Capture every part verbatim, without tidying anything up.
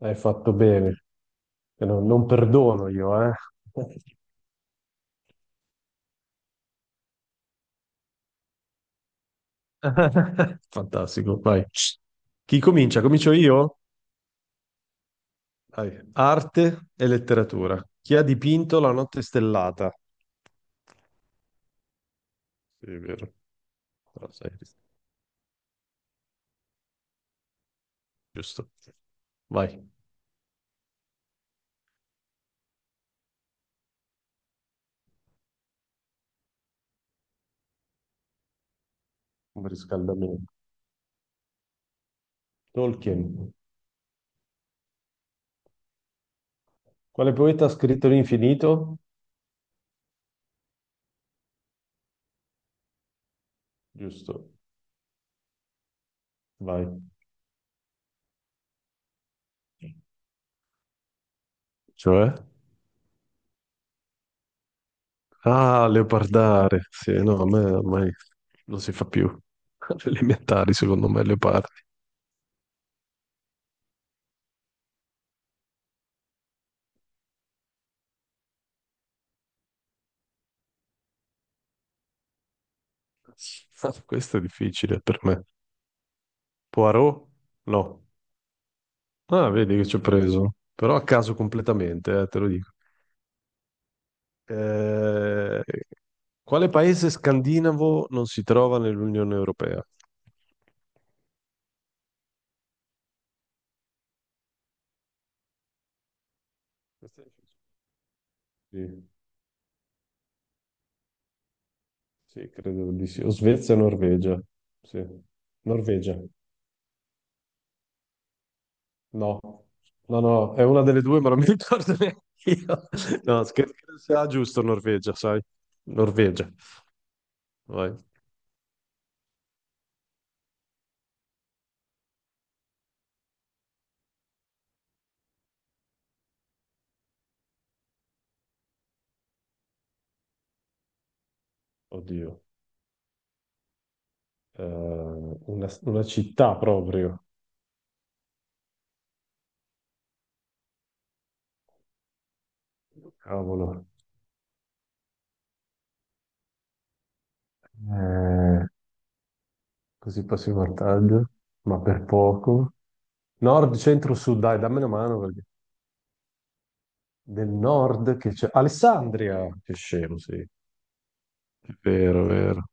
Hai fatto bene. Che Non, non perdono io, eh. Fantastico, vai. Chi comincia? Comincio io? Vai. Arte e letteratura. Chi ha dipinto La notte stellata? Sì, è vero. Però sai, giusto. Vai. Un riscaldamento. Tolkien. Quale poeta ha scritto l'infinito? Giusto. Vai. Cioè? Ah, leopardare. Sì, no, a me ormai non si fa più. Alle elementari, secondo me, leopardi. Ah, questo è difficile per me. Poirot? No. Ah, vedi che ci ho preso. Però a caso completamente, eh, te lo dico. Eh, quale paese scandinavo non si trova nell'Unione Europea? Questo è difficile. Sì, sì, credo di sì. O Svezia o Norvegia. Sì. Norvegia. No, no, no, è una delle due, ma non mi ricordo neanche io. No, scherzo, credo sia giusto Norvegia, sai? Norvegia, vai. Oddio, Eh, una, una città proprio. Cavolo. Eh, così passo in vantaggio, ma per poco. Nord, centro, sud, dai, dammi una mano perché del nord che c'è Alessandria. Che scemo, sì. È vero, è vero.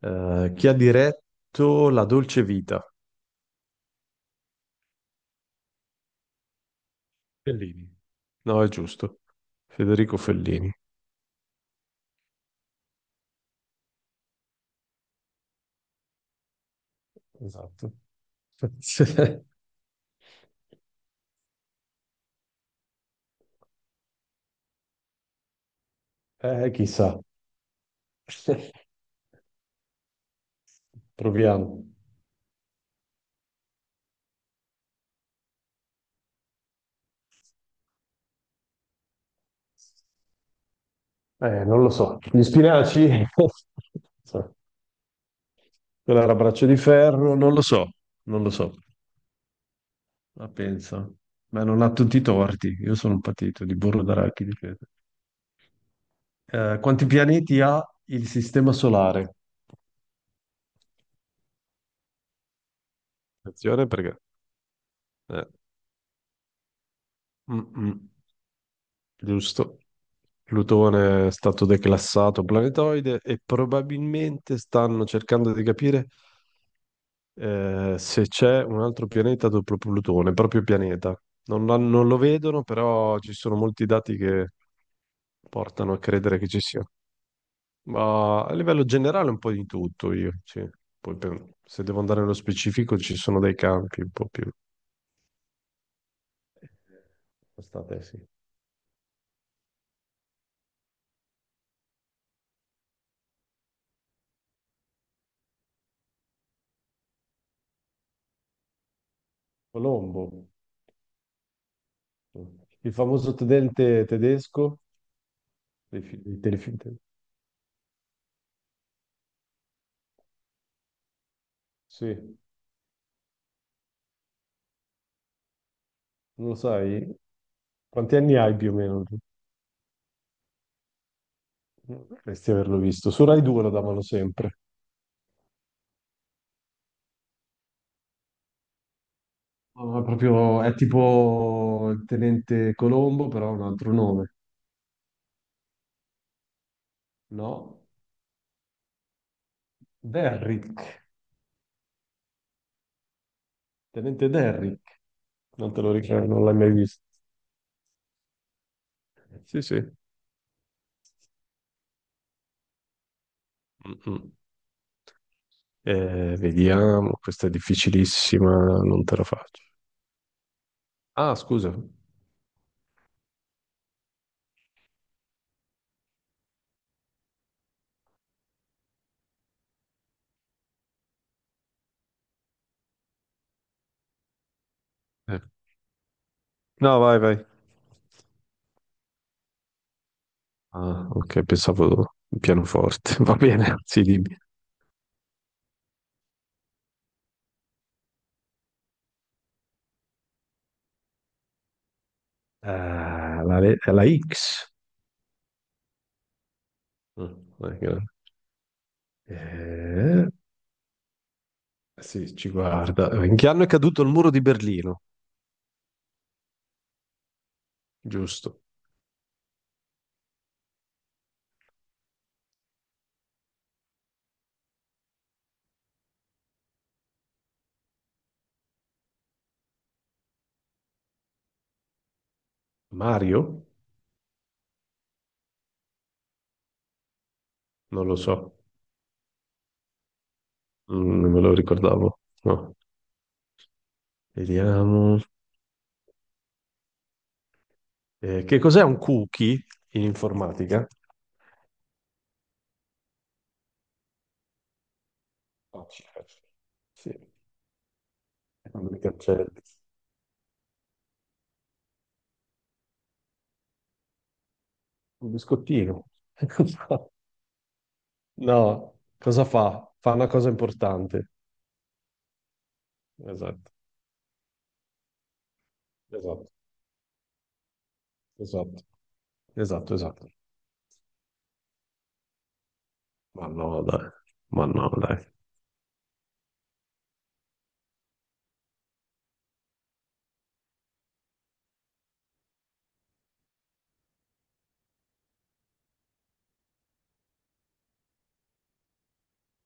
Eh, chi ha diretto La Dolce Vita? Bellini. No, è giusto. Federico Fellini. Esatto. Eh, chissà. Proviamo. Eh, non lo so. Gli spinaci? Non so. Quello era braccio di ferro? Non lo so. Non lo so. La pensa. Ma non ha tutti i torti. Io sono un patito di burro d'arachidi, credo. Eh, quanti pianeti ha il sistema solare? Attenzione perché... eh, mm, mm, giusto. Plutone è stato declassato planetoide e probabilmente stanno cercando di capire eh, se c'è un altro pianeta dopo Plutone, proprio pianeta. Non, l'han- non lo vedono, però ci sono molti dati che portano a credere che ci sia. Ma a livello generale un po' di tutto io, sì. Poi per- se devo andare nello specifico ci sono dei campi un po' più... State, sì. Colombo, il famoso tenente tedesco dei, fi- dei telefilm. Sì, non lo sai, quanti anni hai più o meno? Tu? Dovresti averlo visto. Su Rai due lo davano sempre. No, è proprio, è tipo il tenente Colombo, però ha un altro nome. No? Derrick. Tenente Derrick. Non te lo ricordo, non l'hai mai visto. Sì, sì. Mm-mm. Eh, vediamo, questa è difficilissima, non te la faccio. Ah, scusa. Eh. No, vai, vai. Ah, ok, pensavo pianoforte. Va bene, sì, dimmi. Ah, la, le- la X. Mm, non è che- eh, sì, ci guarda. In che anno è caduto il muro di Berlino? Giusto. Mario? Non lo so. Mm, non me lo ricordavo. No. Vediamo. Eh, che cos'è un cookie in informatica? Oh, ci faccio. Sì, quando mi cancelli. Un biscottino. No, cosa fa? Fa una cosa importante. Esatto, esatto, esatto, esatto, esatto. Ma no, dai. Ma no, dai.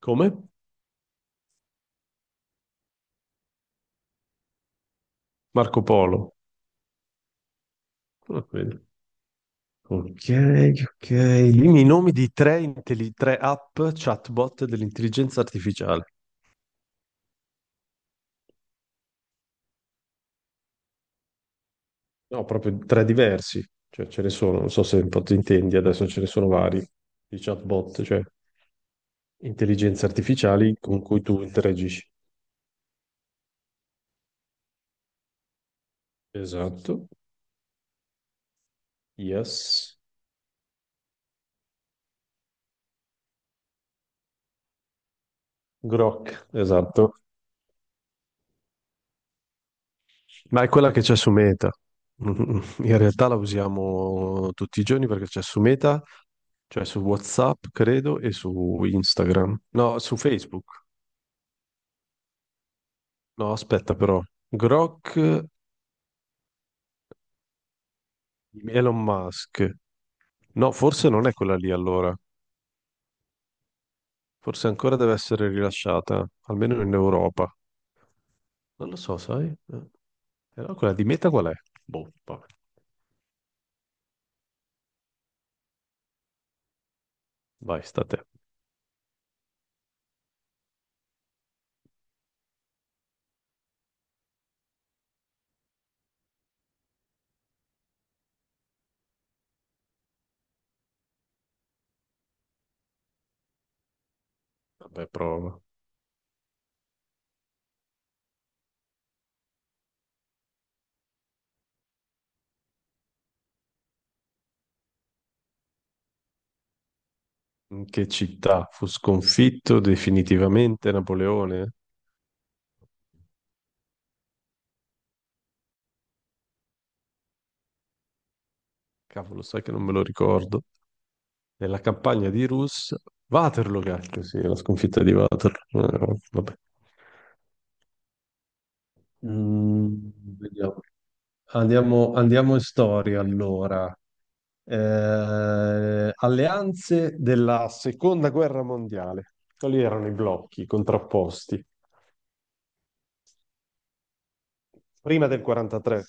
Come? Marco Polo. Ah, vedi. Ok, ok. Dimmi i nomi di tre, intelli- tre app chatbot dell'intelligenza artificiale. No, proprio tre diversi. Cioè, ce ne sono, non so se un po' ti intendi, adesso ce ne sono vari di chatbot, cioè intelligenze artificiali con cui tu interagisci. Esatto. Yes. Grok, esatto. Ma è quella che c'è su Meta. Mm, In realtà la usiamo tutti i giorni perché c'è su Meta, cioè su WhatsApp, credo, e su Instagram. No, su Facebook. No, aspetta però. Grok, Elon Musk. No, forse non è quella lì allora. Forse ancora deve essere rilasciata, almeno in Europa. Non lo so, sai? Eh, Però quella di Meta qual è? Boh, vabbè. Vai, sta a te. Vabbè, prova. In che città fu sconfitto definitivamente Napoleone? Cavolo, sai che non me lo ricordo. Nella campagna di Rus, Waterloo, cacchio, sì, la sconfitta di Waterloo. Eh, vabbè. Mm, vediamo. Andiamo, andiamo in storia allora. Eh, alleanze della seconda guerra mondiale. Quali erano i blocchi contrapposti? Prima del quarantatré.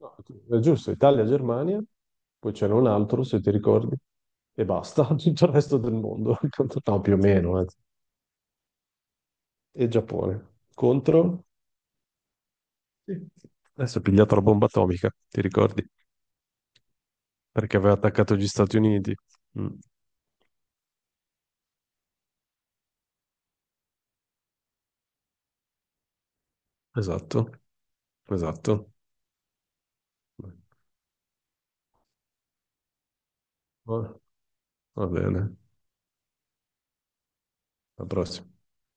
No, è giusto, Italia-Germania, poi c'era un altro, se ti ricordi, e basta, tutto il resto del mondo. No, più o meno, eh. E Giappone contro... Sì. Adesso è pigliato la bomba atomica, ti ricordi? Perché aveva attaccato gli Stati Uniti. Mm, esatto, esatto. Va va bene, alla prossima.